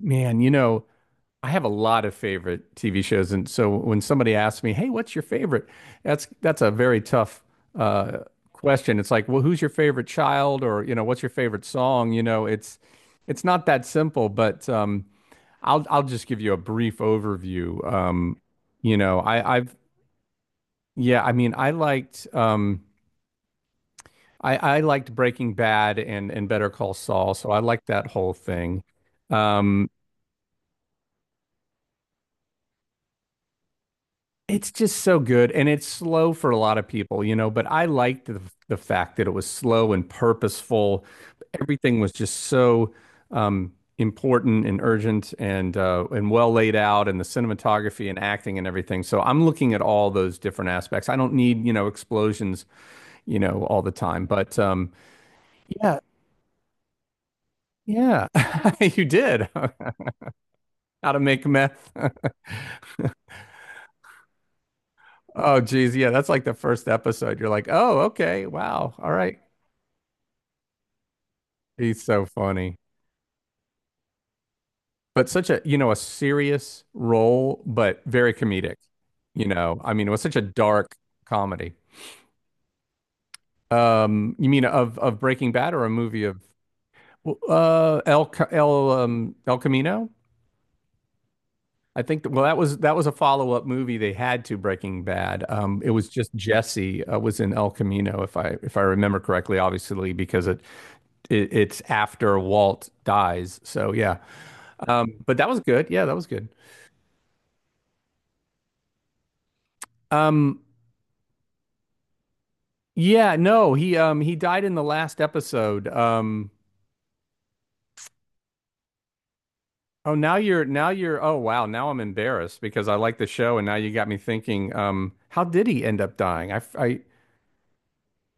Man, you know, I have a lot of favorite TV shows, and so when somebody asks me, "Hey, what's your favorite?" That's a very tough uh, question. It's like, well, who's your favorite child, or you know, what's your favorite song? You know, it's not that simple. But I'll just give you a brief overview. You know, I've yeah, I mean, I liked I liked Breaking Bad and Better Call Saul, so I liked that whole thing. Um, It's just so good and it's slow for a lot of people, you know, but I liked the fact that it was slow and purposeful. Everything was just so important and urgent and well laid out and the cinematography and acting and everything. So I'm looking at all those different aspects. I don't need, you know, explosions, you know, all the time, but yeah, yeah, you did. How to make meth. Oh, geez. Yeah, that's like the first episode. You're like, oh, okay, wow, all right. He's so funny. But such a, you know, a serious role, but very comedic. You know, I mean, it was such a dark comedy. You mean of Breaking Bad or a movie of well, El Ca- El El Camino? I think that, well that was a follow-up movie they had to Breaking Bad. It was just Jesse was in El Camino if I remember correctly, obviously because it's after Walt dies. So yeah. But that was good. Yeah, that was good. Um, Yeah, no, he died in the last episode. Oh, now you're oh wow, now I'm embarrassed because I like the show and now you got me thinking, um, how did he end up dying? I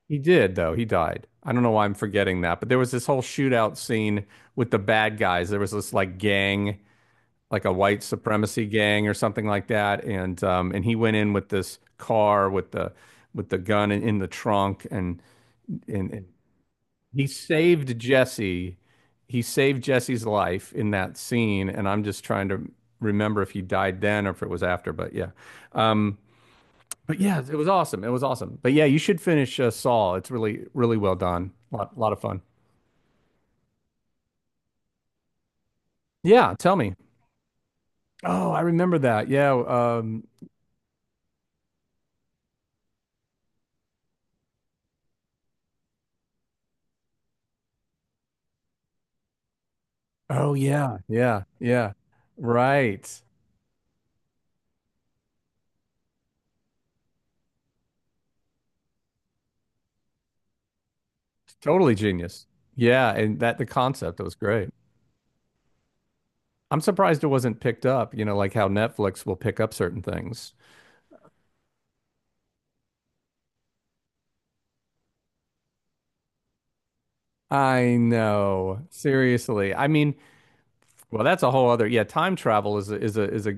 He did though. He died. I don't know why I'm forgetting that, but there was this whole shootout scene with the bad guys. There was this like gang, like a white supremacy gang or something like that, and he went in with this car with the gun in the trunk and and he saved Jesse. He saved Jesse's life in that scene, and I'm just trying to remember if he died then or if it was after. Um, but yeah, it was awesome. It was awesome. But yeah, you should finish Saul. It's really well done. A lot, lot of fun. Yeah, tell me. Oh, I remember that. Yeah. Oh yeah, yeah, yeah. Right. Totally genius. Yeah, and that the concept was great. I'm surprised it wasn't picked up. You know, like how Netflix will pick up certain things. I know. Seriously. I mean, well, that's a whole other, yeah, time travel is a, is a is a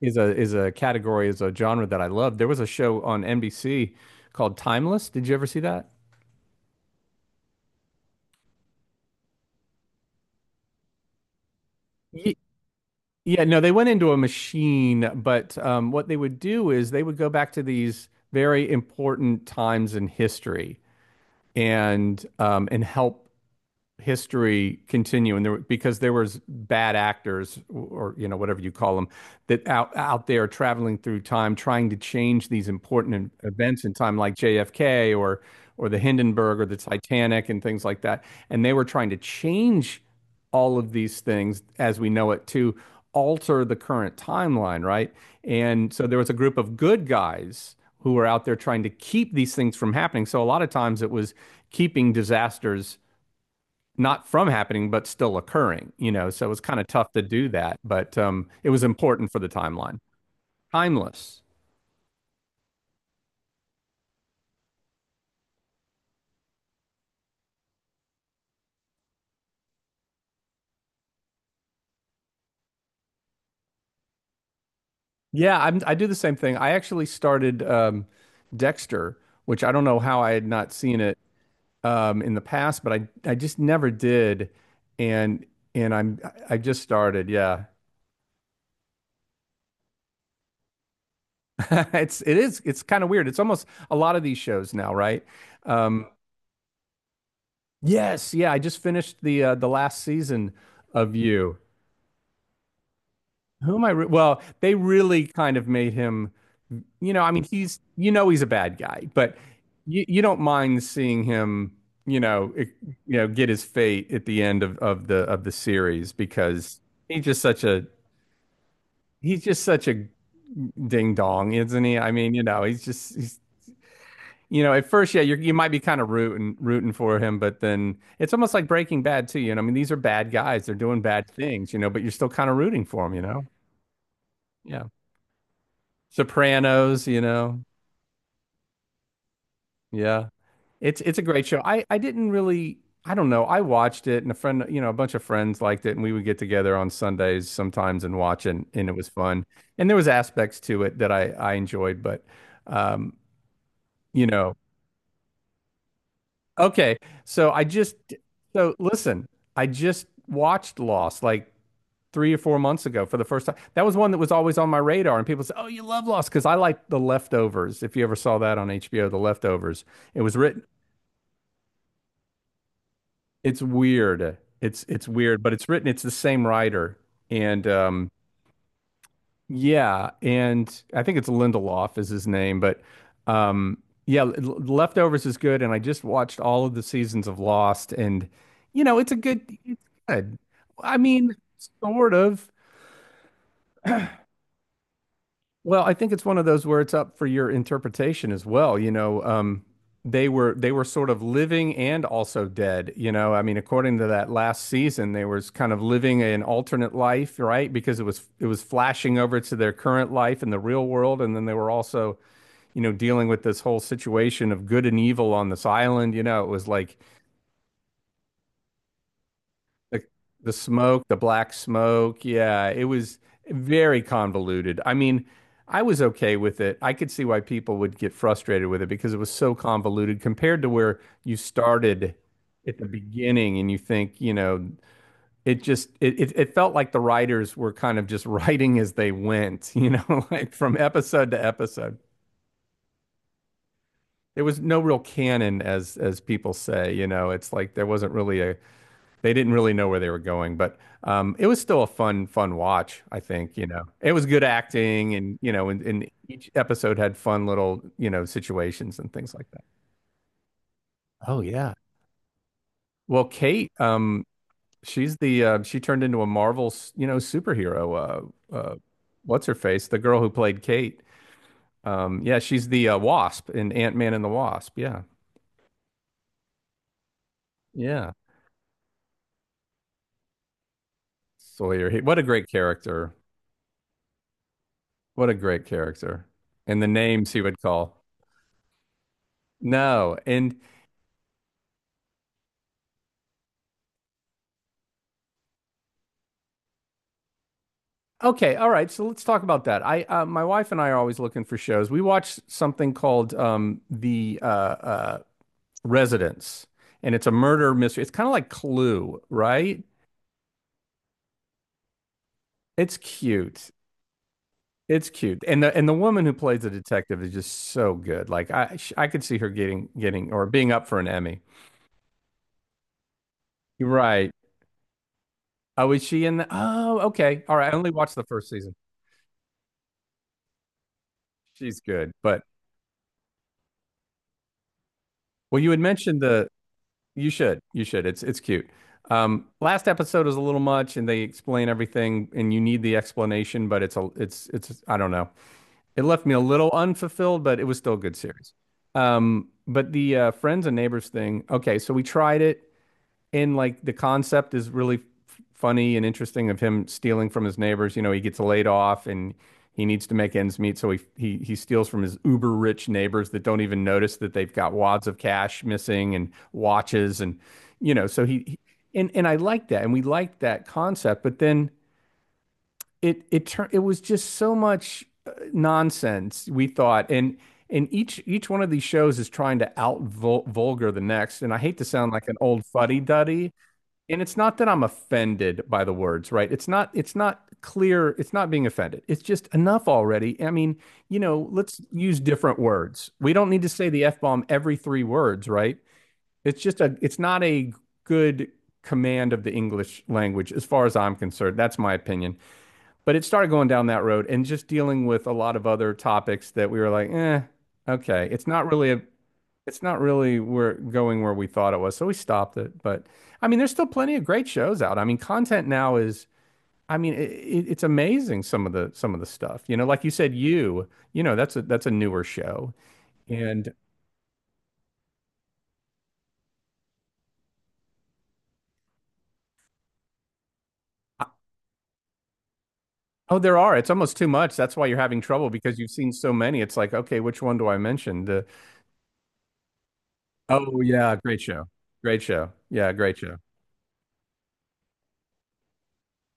is a is a category, is a genre that I love. There was a show on NBC called Timeless. Did you ever see that? Ye- Yeah, no, they went into a machine, but what they would do is they would go back to these very important times in history and help history continue, and there because there was bad actors, or you know whatever you call them, that out there traveling through time trying to change these important events in time like JFK or the Hindenburg or the Titanic and things like that, and they were trying to change all of these things as we know it to alter the current timeline, right, and so there was a group of good guys who were out there trying to keep these things from happening. So a lot of times it was keeping disasters not from happening, but still occurring, you know. So it was kind of tough to do that, but it was important for the timeline. Timeless. Yeah, I do the same thing. I actually started Dexter, which I don't know how I had not seen it in the past, but I just never did, and and I'm I just started. Yeah, it's kind of weird. It's almost a lot of these shows now, right? Um, yes, yeah. I just finished the last season of You. Who am I? Re Well, they really kind of made him, you know, I mean, he's, you know, he's a bad guy, but you don't mind seeing him, you know, it, you know, get his fate at the end of the series because he's just such a he's just such a ding dong, isn't he? I mean, you know, he's you know, at first, yeah, you're, you might be kind of rooting for him, but then it's almost like Breaking Bad too, you know. I mean, these are bad guys; they're doing bad things, you know, but you're still kind of rooting for them, you know. Yeah. Sopranos, you know. Yeah. It's a great show. I didn't really I don't know. I watched it and a friend, you know, a bunch of friends liked it, and we would get together on Sundays sometimes and watch, and it was fun. And there was aspects to it that I enjoyed, but um, you know. Okay. So I just so Listen, I just watched Lost like 3 or 4 months ago for the first time. That was one that was always on my radar and people say, "Oh, you love Lost" because I like The Leftovers. If you ever saw that on HBO, The Leftovers. It was written. It's weird. It's weird, but it's written. It's the same writer, and yeah, and I think it's Lindelof is his name, but um, yeah, Leftovers is good, and I just watched all of the seasons of Lost, and you know, it's a good, it's good. I mean, sort of. Well, I think it's one of those where it's up for your interpretation as well. You know, they were sort of living and also dead. You know, I mean, according to that last season, they was kind of living an alternate life, right? Because it was flashing over to their current life in the real world, and then they were also, you know, dealing with this whole situation of good and evil on this island. You know, it was like The, the smoke, the black smoke. Yeah, it was very convoluted. I mean, I was okay with it. I could see why people would get frustrated with it because it was so convoluted compared to where you started at the beginning, and you think, you know, it just it, it it felt like the writers were kind of just writing as they went, you know, like from episode to episode. There was no real canon as people say, you know, it's like there wasn't really a they didn't really know where they were going, but it was still a fun, fun watch, I think, you know. It was good acting and, you know, and each episode had fun little, you know, situations and things like that. Oh yeah. Well, Kate, she's the she turned into a Marvel, you know, superhero. What's her face? The girl who played Kate. Yeah, she's the Wasp in Ant-Man and the Wasp. Yeah, yeah. Sawyer, he, what a great character! What a great character! And the names he would call. No, and okay, all right. So let's talk about that. I My wife and I are always looking for shows. We watch something called The Residence, and it's a murder mystery. It's kind of like Clue, right? It's cute. It's cute, and the woman who plays the detective is just so good. Like I could see her getting or being up for an Emmy. You're right. Oh, is she in the? Oh, okay. All right. I only watched the first season. She's good, but well, you had mentioned the You should. You should. It's cute. Last episode is a little much, and they explain everything, and you need the explanation, but it's I don't know. It left me a little unfulfilled, but it was still a good series. But the friends and neighbors thing. Okay, so we tried it, and like the concept is really funny and interesting of him stealing from his neighbors. You know, he gets laid off and he needs to make ends meet, so he steals from his uber rich neighbors that don't even notice that they've got wads of cash missing and watches and you know, so he and I liked that, and we liked that concept, but then it turned it was just so much nonsense we thought, and each one of these shows is trying to out vul vulgar the next, and I hate to sound like an old fuddy-duddy, and it's not that I'm offended by the words, right? It's not clear, it's not being offended. It's just enough already. I mean, you know, let's use different words. We don't need to say the F-bomb every three words, right? It's not a good command of the English language as far as I'm concerned. That's my opinion. But it started going down that road and just dealing with a lot of other topics that we were like, eh, okay. It's not really where going where we thought it was, so we stopped it. But I mean, there's still plenty of great shows out. I mean, content now is, I mean, it's amazing some of the stuff. You know, like you said, you know, that's a newer show, and I- oh, there are. It's almost too much. That's why you're having trouble because you've seen so many. It's like, okay, which one do I mention? The oh yeah, great show,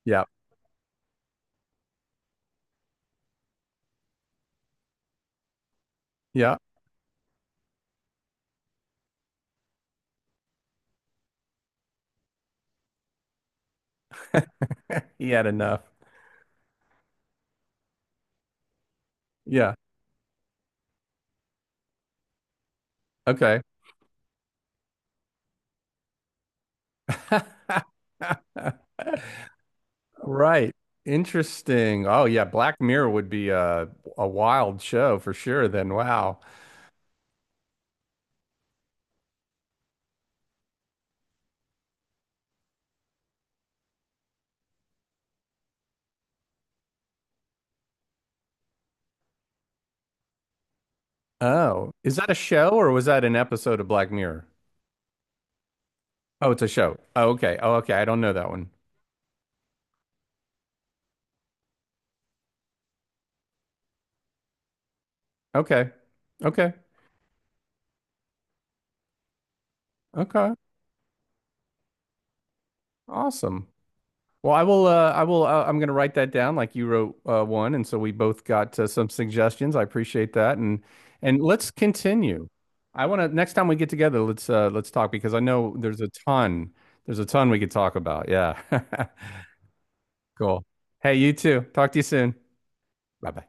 yeah, yeah. He had enough. Yeah. Okay. Right. Interesting. Oh yeah, Black Mirror would be a wild show for sure then. Wow. Oh, is that a show or was that an episode of Black Mirror? Oh, it's a show. Oh, okay. Oh, okay. I don't know that one. Okay. Okay. Okay. Awesome. Well, I will. I will. I'm going to write that down, like you wrote one, and so we both got some suggestions. I appreciate that, and let's continue. I want to next time we get together, let's talk because I know there's a ton. There's a ton we could talk about. Yeah. Cool. Hey, you too. Talk to you soon. Bye bye.